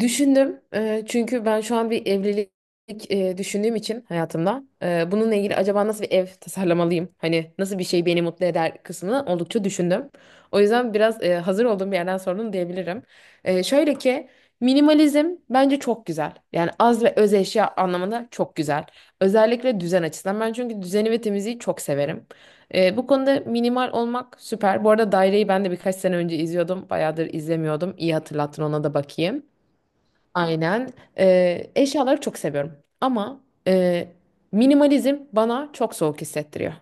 Düşündüm. Çünkü ben şu an bir evlilik düşündüğüm için hayatımda bununla ilgili acaba nasıl bir ev tasarlamalıyım? Hani nasıl bir şey beni mutlu eder kısmını oldukça düşündüm. O yüzden biraz hazır olduğum bir yerden sordum diyebilirim. Şöyle ki minimalizm bence çok güzel. Yani az ve öz eşya anlamında çok güzel. Özellikle düzen açısından ben çünkü düzeni ve temizliği çok severim. Bu konuda minimal olmak süper. Bu arada Daire'yi ben de birkaç sene önce izliyordum. Bayağıdır izlemiyordum. İyi hatırlattın, ona da bakayım. Aynen. Eşyaları çok seviyorum. Ama e, minimalizm bana çok soğuk hissettiriyor.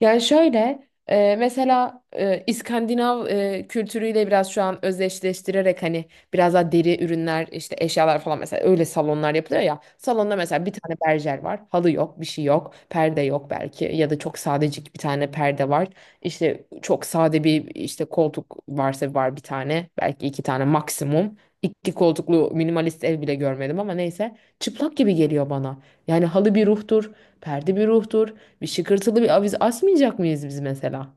Yani şöyle, mesela İskandinav kültürüyle biraz şu an özdeşleştirerek, hani biraz daha deri ürünler, işte eşyalar falan, mesela öyle salonlar yapılıyor ya. Salonda mesela bir tane berjer var. Halı yok, bir şey yok. Perde yok belki ya da çok sadecik bir tane perde var. İşte çok sade, bir işte koltuk varsa var, bir tane belki, iki tane maksimum. İki koltuklu minimalist ev bile görmedim ama neyse, çıplak gibi geliyor bana. Yani halı bir ruhtur, perde bir ruhtur. Bir şıkırtılı bir aviz asmayacak mıyız biz mesela?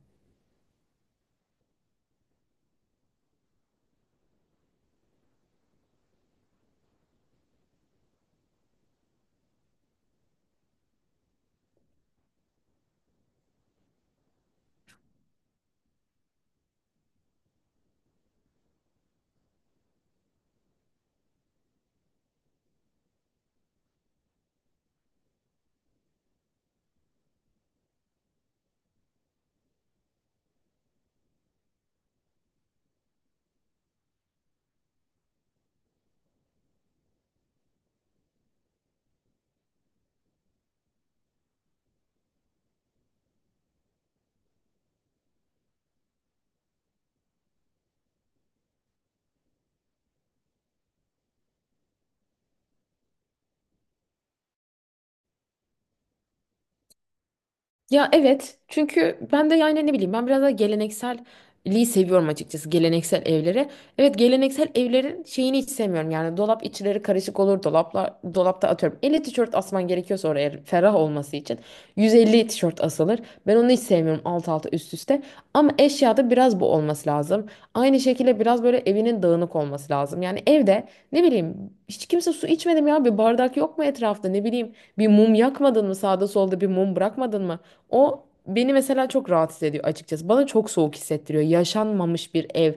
Ya evet, çünkü ben de yani ne bileyim, ben biraz daha gelenekselliği seviyorum açıkçası, geleneksel evlere. Evet, geleneksel evlerin şeyini hiç sevmiyorum yani. Dolap içleri karışık olur, dolapla dolapta atıyorum 50 tişört asman gerekiyorsa oraya ferah olması için 150 tişört asılır. Ben onu hiç sevmiyorum, alt alta üst üste, ama eşyada biraz bu olması lazım. Aynı şekilde biraz böyle evinin dağınık olması lazım. Yani evde ne bileyim, hiç kimse su içmedim ya, bir bardak yok mu etrafta, ne bileyim bir mum yakmadın mı, sağda solda bir mum bırakmadın mı? O beni mesela çok rahatsız ediyor açıkçası. Bana çok soğuk hissettiriyor. Yaşanmamış bir ev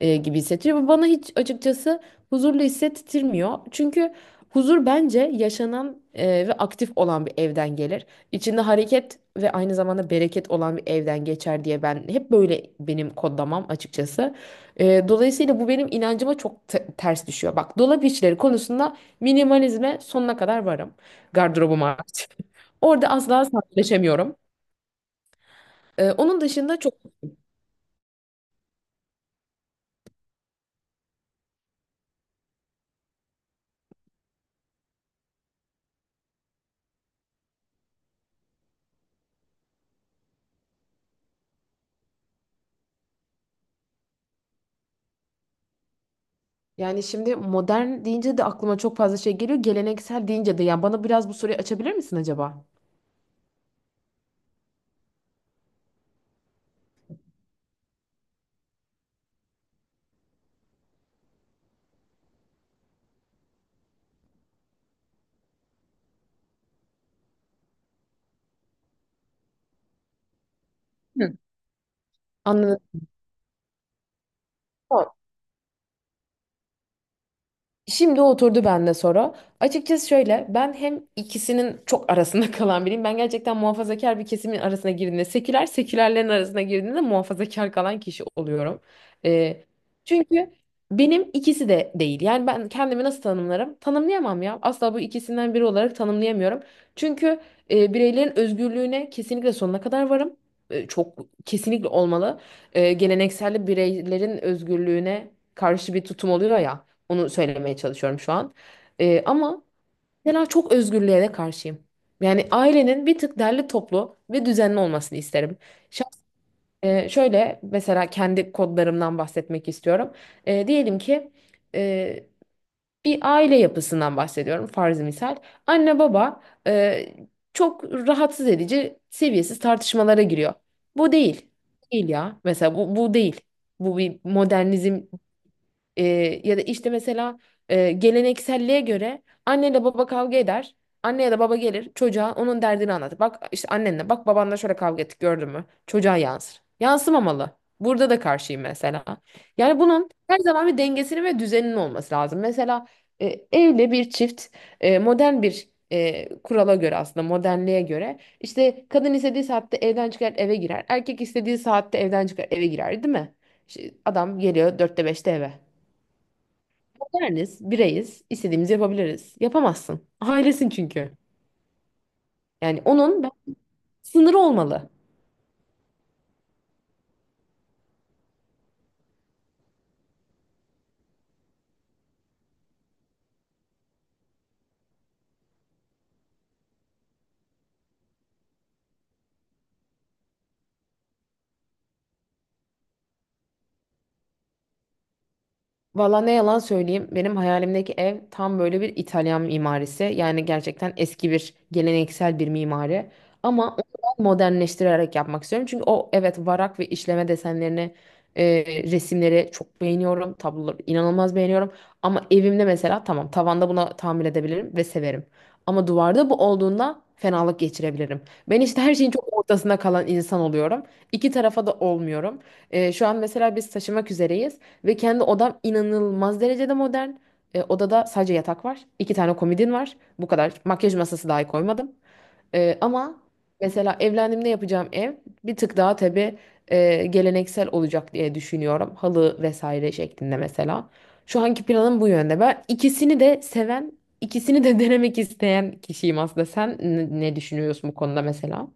gibi hissettiriyor. Bu bana hiç açıkçası huzurlu hissettirmiyor. Çünkü huzur bence yaşanan ve aktif olan bir evden gelir. İçinde hareket ve aynı zamanda bereket olan bir evden geçer diye ben hep böyle, benim kodlamam açıkçası. Dolayısıyla bu benim inancıma çok ters düşüyor. Bak, dolap işleri konusunda minimalizme sonuna kadar varım. Gardırobum hariç. Orada asla sadeleşemiyorum. Onun dışında çok yani, şimdi modern deyince de aklıma çok fazla şey geliyor. Geleneksel deyince de yani, bana biraz bu soruyu açabilir misin acaba? Hı. Anladın. Şimdi oturdu bende soru. Açıkçası şöyle, ben hem ikisinin çok arasında kalan biriyim. Ben gerçekten muhafazakar bir kesimin arasına girdiğinde seküler, sekülerlerin arasına girdiğinde muhafazakar kalan kişi oluyorum. Ee, Çünkü benim ikisi de değil. Yani ben kendimi nasıl tanımlarım? Tanımlayamam ya. Asla bu ikisinden biri olarak tanımlayamıyorum. Çünkü bireylerin özgürlüğüne kesinlikle sonuna kadar varım. Çok kesinlikle olmalı. Geleneksel bireylerin özgürlüğüne karşı bir tutum oluyor ya. Onu söylemeye çalışıyorum şu an. Ama mesela çok özgürlüğe de karşıyım. Yani ailenin bir tık derli toplu ve düzenli olmasını isterim. Şahs- Şöyle mesela, kendi kodlarımdan bahsetmek istiyorum. Diyelim ki e, bir aile yapısından bahsediyorum, farz misal. Anne baba e, çok rahatsız edici seviyesiz tartışmalara giriyor. Bu değil. Değil ya. Mesela bu, bu değil. Bu bir modernizm ee, ya da işte mesela gelenekselliğe göre anne anneyle baba kavga eder. Anne ya da baba gelir çocuğa onun derdini anlatır. Bak işte annenle, bak babanla şöyle kavga ettik, gördün mü? Çocuğa yansır. Yansımamalı. Burada da karşıyım mesela. Yani bunun her zaman bir dengesinin ve düzeninin olması lazım. Mesela e, evli bir çift modern bir kurala göre, aslında modernliğe göre, işte kadın istediği saatte evden çıkar eve girer. Erkek istediği saatte evden çıkar eve girer, değil mi? İşte adam geliyor dörtte beşte eve. Berniz, bireyiz, istediğimizi yapabiliriz. Yapamazsın. Ailesin çünkü. Yani onun sınırı olmalı. Valla ne yalan söyleyeyim, benim hayalimdeki ev tam böyle bir İtalyan mimarisi. Yani gerçekten eski bir geleneksel bir mimari. Ama onu ben modernleştirerek yapmak istiyorum. Çünkü o, evet, varak ve işleme desenlerini, e, resimleri çok beğeniyorum. Tabloları inanılmaz beğeniyorum. Ama evimde mesela, tamam, tavanda buna tahammül edebilirim ve severim. Ama duvarda bu olduğunda fenalık geçirebilirim. Ben işte her şeyin çok ortasında kalan insan oluyorum. İki tarafa da olmuyorum. Şu an mesela biz taşımak üzereyiz. Ve kendi odam inanılmaz derecede modern. Odada sadece yatak var. İki tane komodin var. Bu kadar. Makyaj masası dahi koymadım. Ama mesela evlendiğimde yapacağım ev bir tık daha tabii geleneksel olacak diye düşünüyorum. Halı vesaire şeklinde mesela. Şu anki planım bu yönde. Ben ikisini de seven, ikisini de denemek isteyen kişiyim aslında. Sen ne düşünüyorsun bu konuda mesela?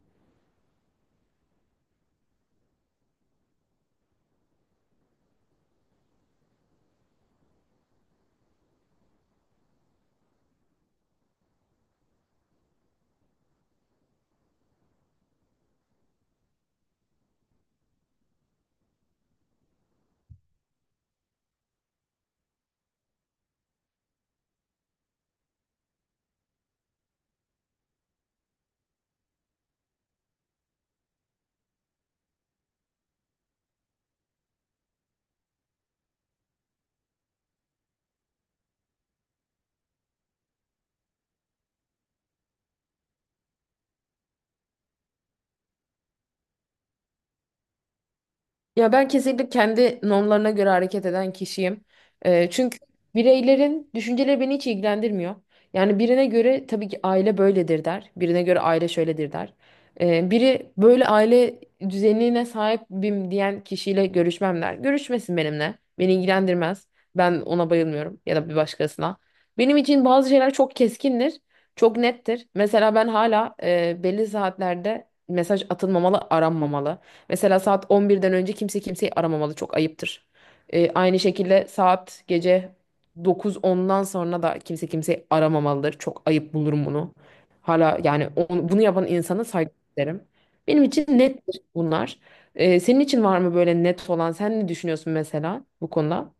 Ya ben kesinlikle kendi normlarına göre hareket eden kişiyim. Çünkü bireylerin düşünceleri beni hiç ilgilendirmiyor. Yani birine göre tabii ki aile böyledir der. Birine göre aile şöyledir der. Biri böyle aile düzenine sahibim diyen kişiyle görüşmem der. Görüşmesin benimle. Beni ilgilendirmez. Ben ona bayılmıyorum ya da bir başkasına. Benim için bazı şeyler çok keskindir. Çok nettir. Mesela ben hala belli saatlerde mesaj atılmamalı, aranmamalı. Mesela saat 11'den önce kimse kimseyi aramamalı. Çok ayıptır. Aynı şekilde saat gece 9-10'dan sonra da kimse kimseyi aramamalıdır. Çok ayıp bulurum bunu. Hala yani bunu yapan insana saygı derim. Benim için nettir bunlar. Senin için var mı böyle net olan? Sen ne düşünüyorsun mesela bu konuda?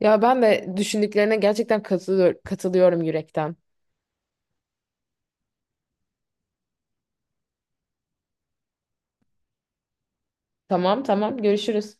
Ya ben de düşündüklerine gerçekten katılıyorum yürekten. Tamam tamam, görüşürüz.